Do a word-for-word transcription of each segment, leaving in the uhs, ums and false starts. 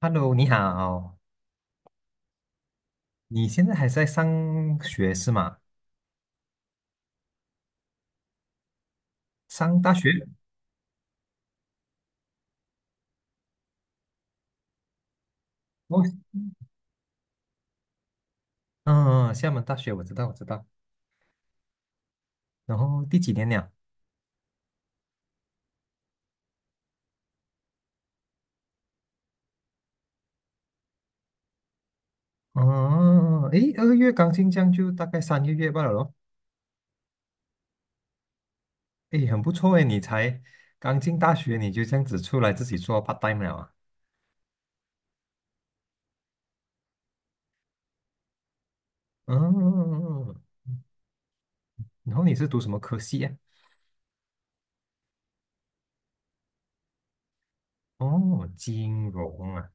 Hello，你好，你现在还在上学是吗？上大学？哦，嗯，嗯厦门大学我知道，我知道。然后第几年了？哦，诶，二月刚进这样就大概三个月罢了咯。诶，很不错诶，你才刚进大学你就这样子出来自己做 part time 了啊？嗯，然后你是读什么科系啊？哦，金融啊，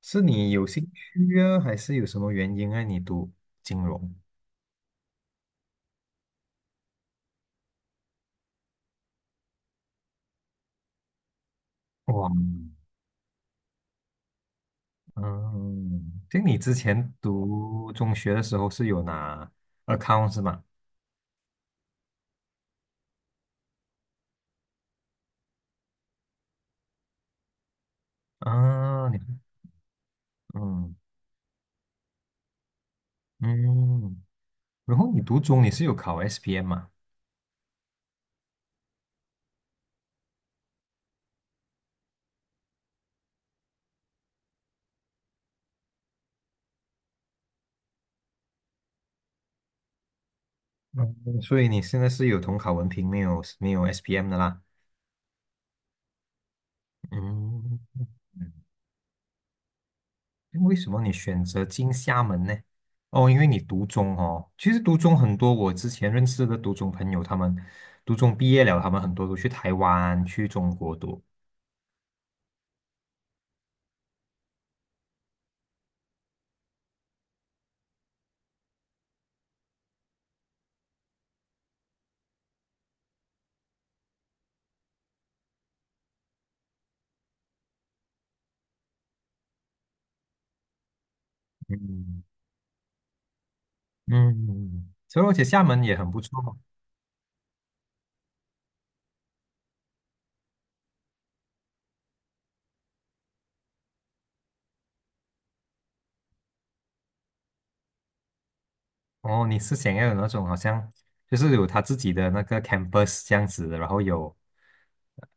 是你有兴趣啊，还是有什么原因让你读金融？哇！嗯，就你之前读中学的时候是有拿 account 是吗？啊，你嗯嗯，然后你读中你是有考 S P M 嘛？嗯，所以你现在是有统考文凭，没有没有 S P M 的啦。嗯嗯为什么你选择进厦门呢？哦，因为你读中哦，其实读中很多，我之前认识的读中朋友，他们读中毕业了，他们很多都去台湾、去中国读。嗯嗯，所以而且厦门也很不错嘛哦，你是想要有那种好像就是有他自己的那个 campus 这样子，然后有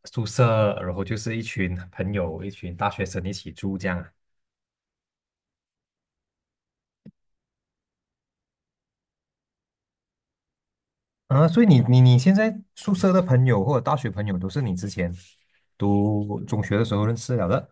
宿舍，然后就是一群朋友、一群大学生一起住这样啊。啊，所以你你你现在宿舍的朋友或者大学朋友都是你之前读中学的时候认识了的，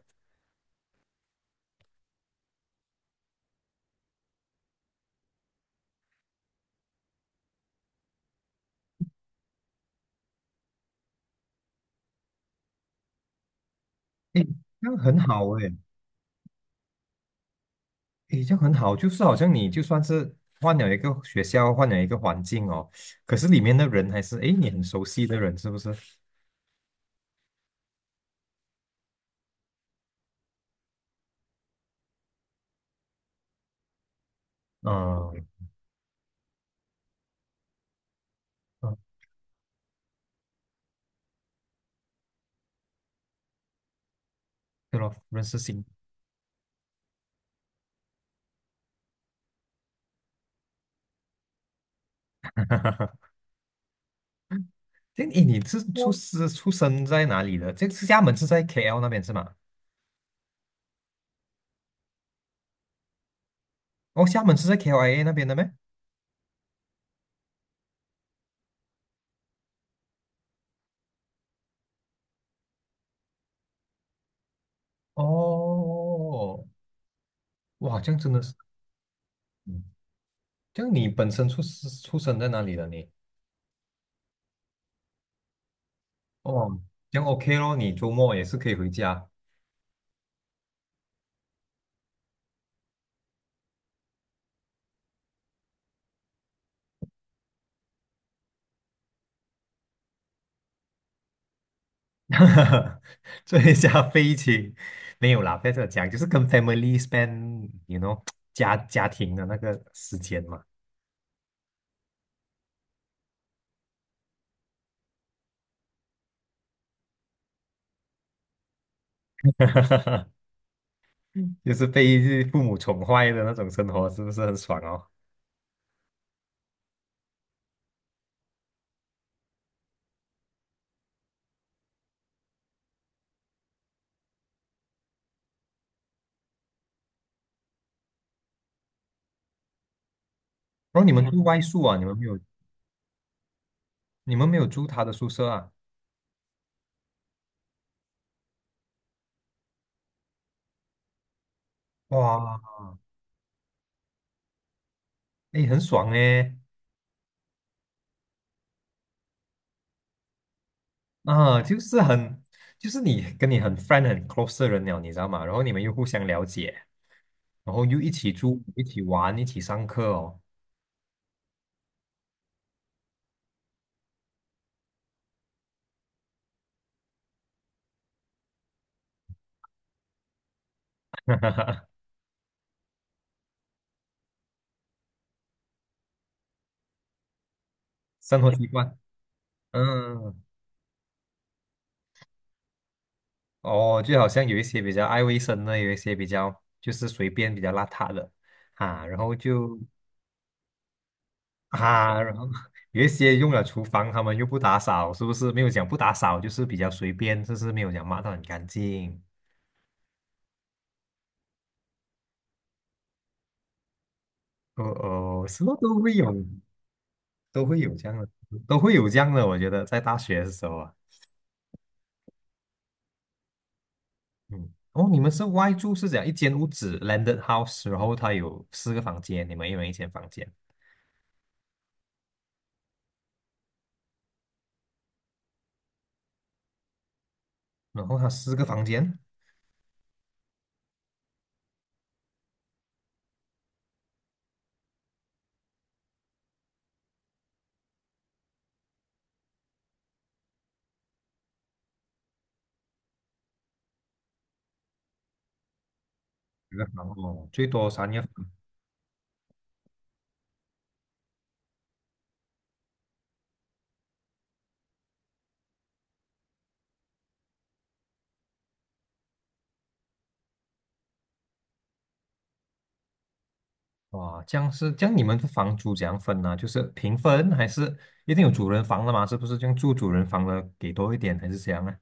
诶，这样很好诶，诶，这样很好，就是好像你就算是换了一个学校，换了一个环境哦，可是里面的人还是诶你很熟悉的人，是不是？嗯嗯，对咯，认识新。哈哈哈。这诶，你是出我是出生在哪里的？这是厦门是在 K L 那边是吗？哦，厦门是在 K L I A 那边的咩？哦，哇，这样真的是，嗯这样你本身出世出生在哪里的你？哦，这样 OK 咯，你周末也是可以回家，哈哈哈，做一下飞行。没有啦，不要这样讲，就是跟 family spend，you know，家家庭的那个时间嘛。就是被父母宠坏的那种生活，是不是很爽哦？然后你们嗯住外宿啊？你们没有，你们没有住他的宿舍啊？哇，哎，很爽哎！啊，就是很，就是你跟你很 friend 很 close 的人了，你知道吗？然后你们又互相了解，然后又一起住，一起玩，一起上课哦，生活习惯，嗯，哦，就好像有一些比较爱卫生的，有一些比较就是随便比较邋遢的啊，然后就 啊，然后有一些用了厨房，他们又不打扫，是不是？没有讲不打扫，就是比较随便，就是没有讲抹得很干净。哦哦，什么都会有，都会有这样的，都会有这样的。我觉得在大学的时候啊，嗯，哦，你们是外住是讲一间屋子 landed house，然后它有四个房间，你们一人一间房间，然后它四个房间，一个房哦，最多三个房哇，这样是这样，你们的房租怎样分呢、就是平分还是一定有主人房的嘛？是不是这样住主人房的给多一点还是怎样呢？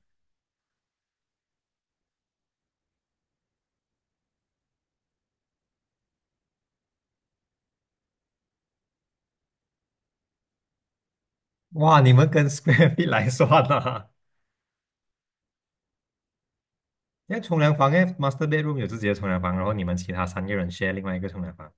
哇，你们跟 square feet 来算呐、啊？因为冲凉房，因为 master bedroom 有自己的冲凉房，然后你们其他三个人 share 另外一个冲凉房，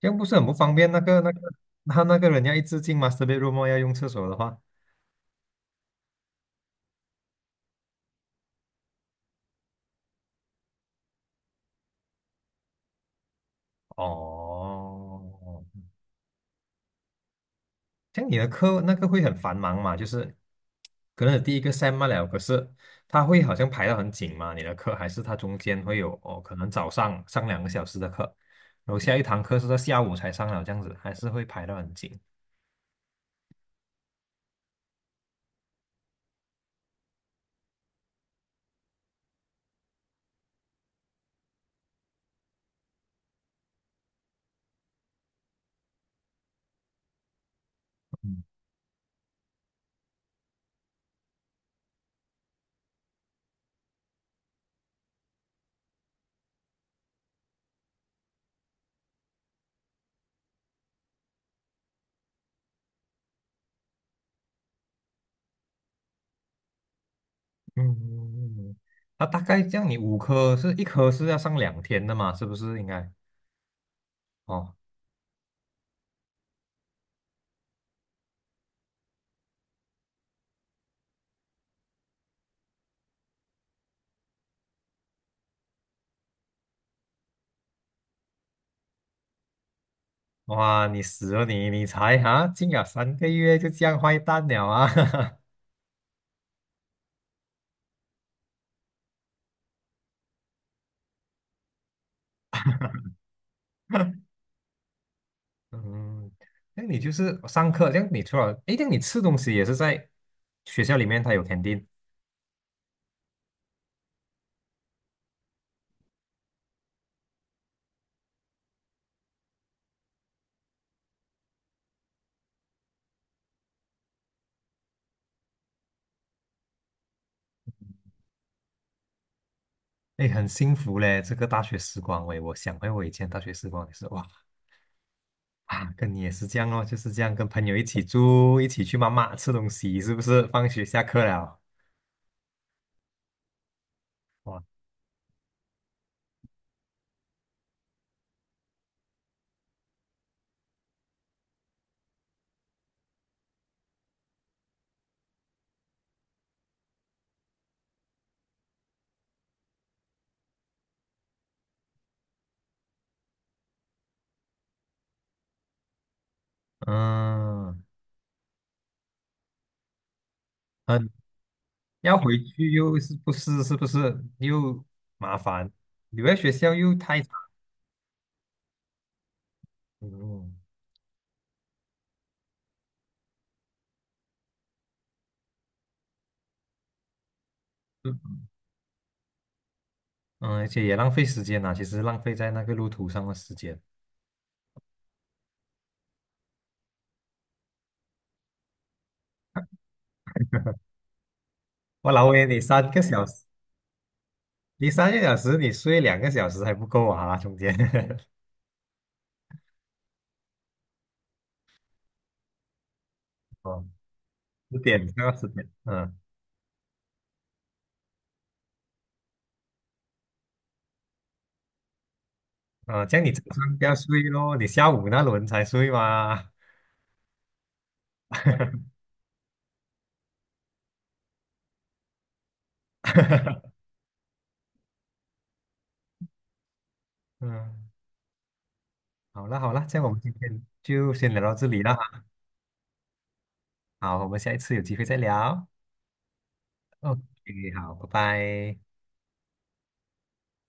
这样不是很不方便？那个那个他那个人要一直进 master bedroom 哦要用厕所的话，哦，像你的课那个会很繁忙嘛，就是可能你第一个 sem 嘛了，可是它会好像排得很紧嘛，你的课还是它中间会有哦，可能早上上两个小时的课，然后下一堂课是在下午才上了，这样子还是会排得很紧。嗯嗯，那大概这样，你五科是一科是要上两天的嘛，是不是应该？哦，哇，你死了你，你才啊，进了三个月就这样坏蛋了啊！嗯，那你就是上课，这样你除了，诶，这样你吃东西也是在学校里面，他有肯定 n 诶，很幸福嘞，这个大学时光，喂，我想回我以前大学时光也是，哇啊，跟你也是这样哦，就是这样跟朋友一起住，一起去妈妈吃东西，是不是？放学下课了，哇，嗯，很要回去又是不是是不是又麻烦，留在学校又太长，嗯嗯，而且也浪费时间呐、其实浪费在那个路途上的时间。我老威，你三个小时，你三个小时，你睡两个小时还不够啊，中间 哦，十点到十点，嗯嗯，这样你早上不要睡咯，你下午那轮才睡嘛。嗯，好了好了，这样我们今天就先聊到这里了哈。好，我们下一次有机会再聊。OK，好，拜拜。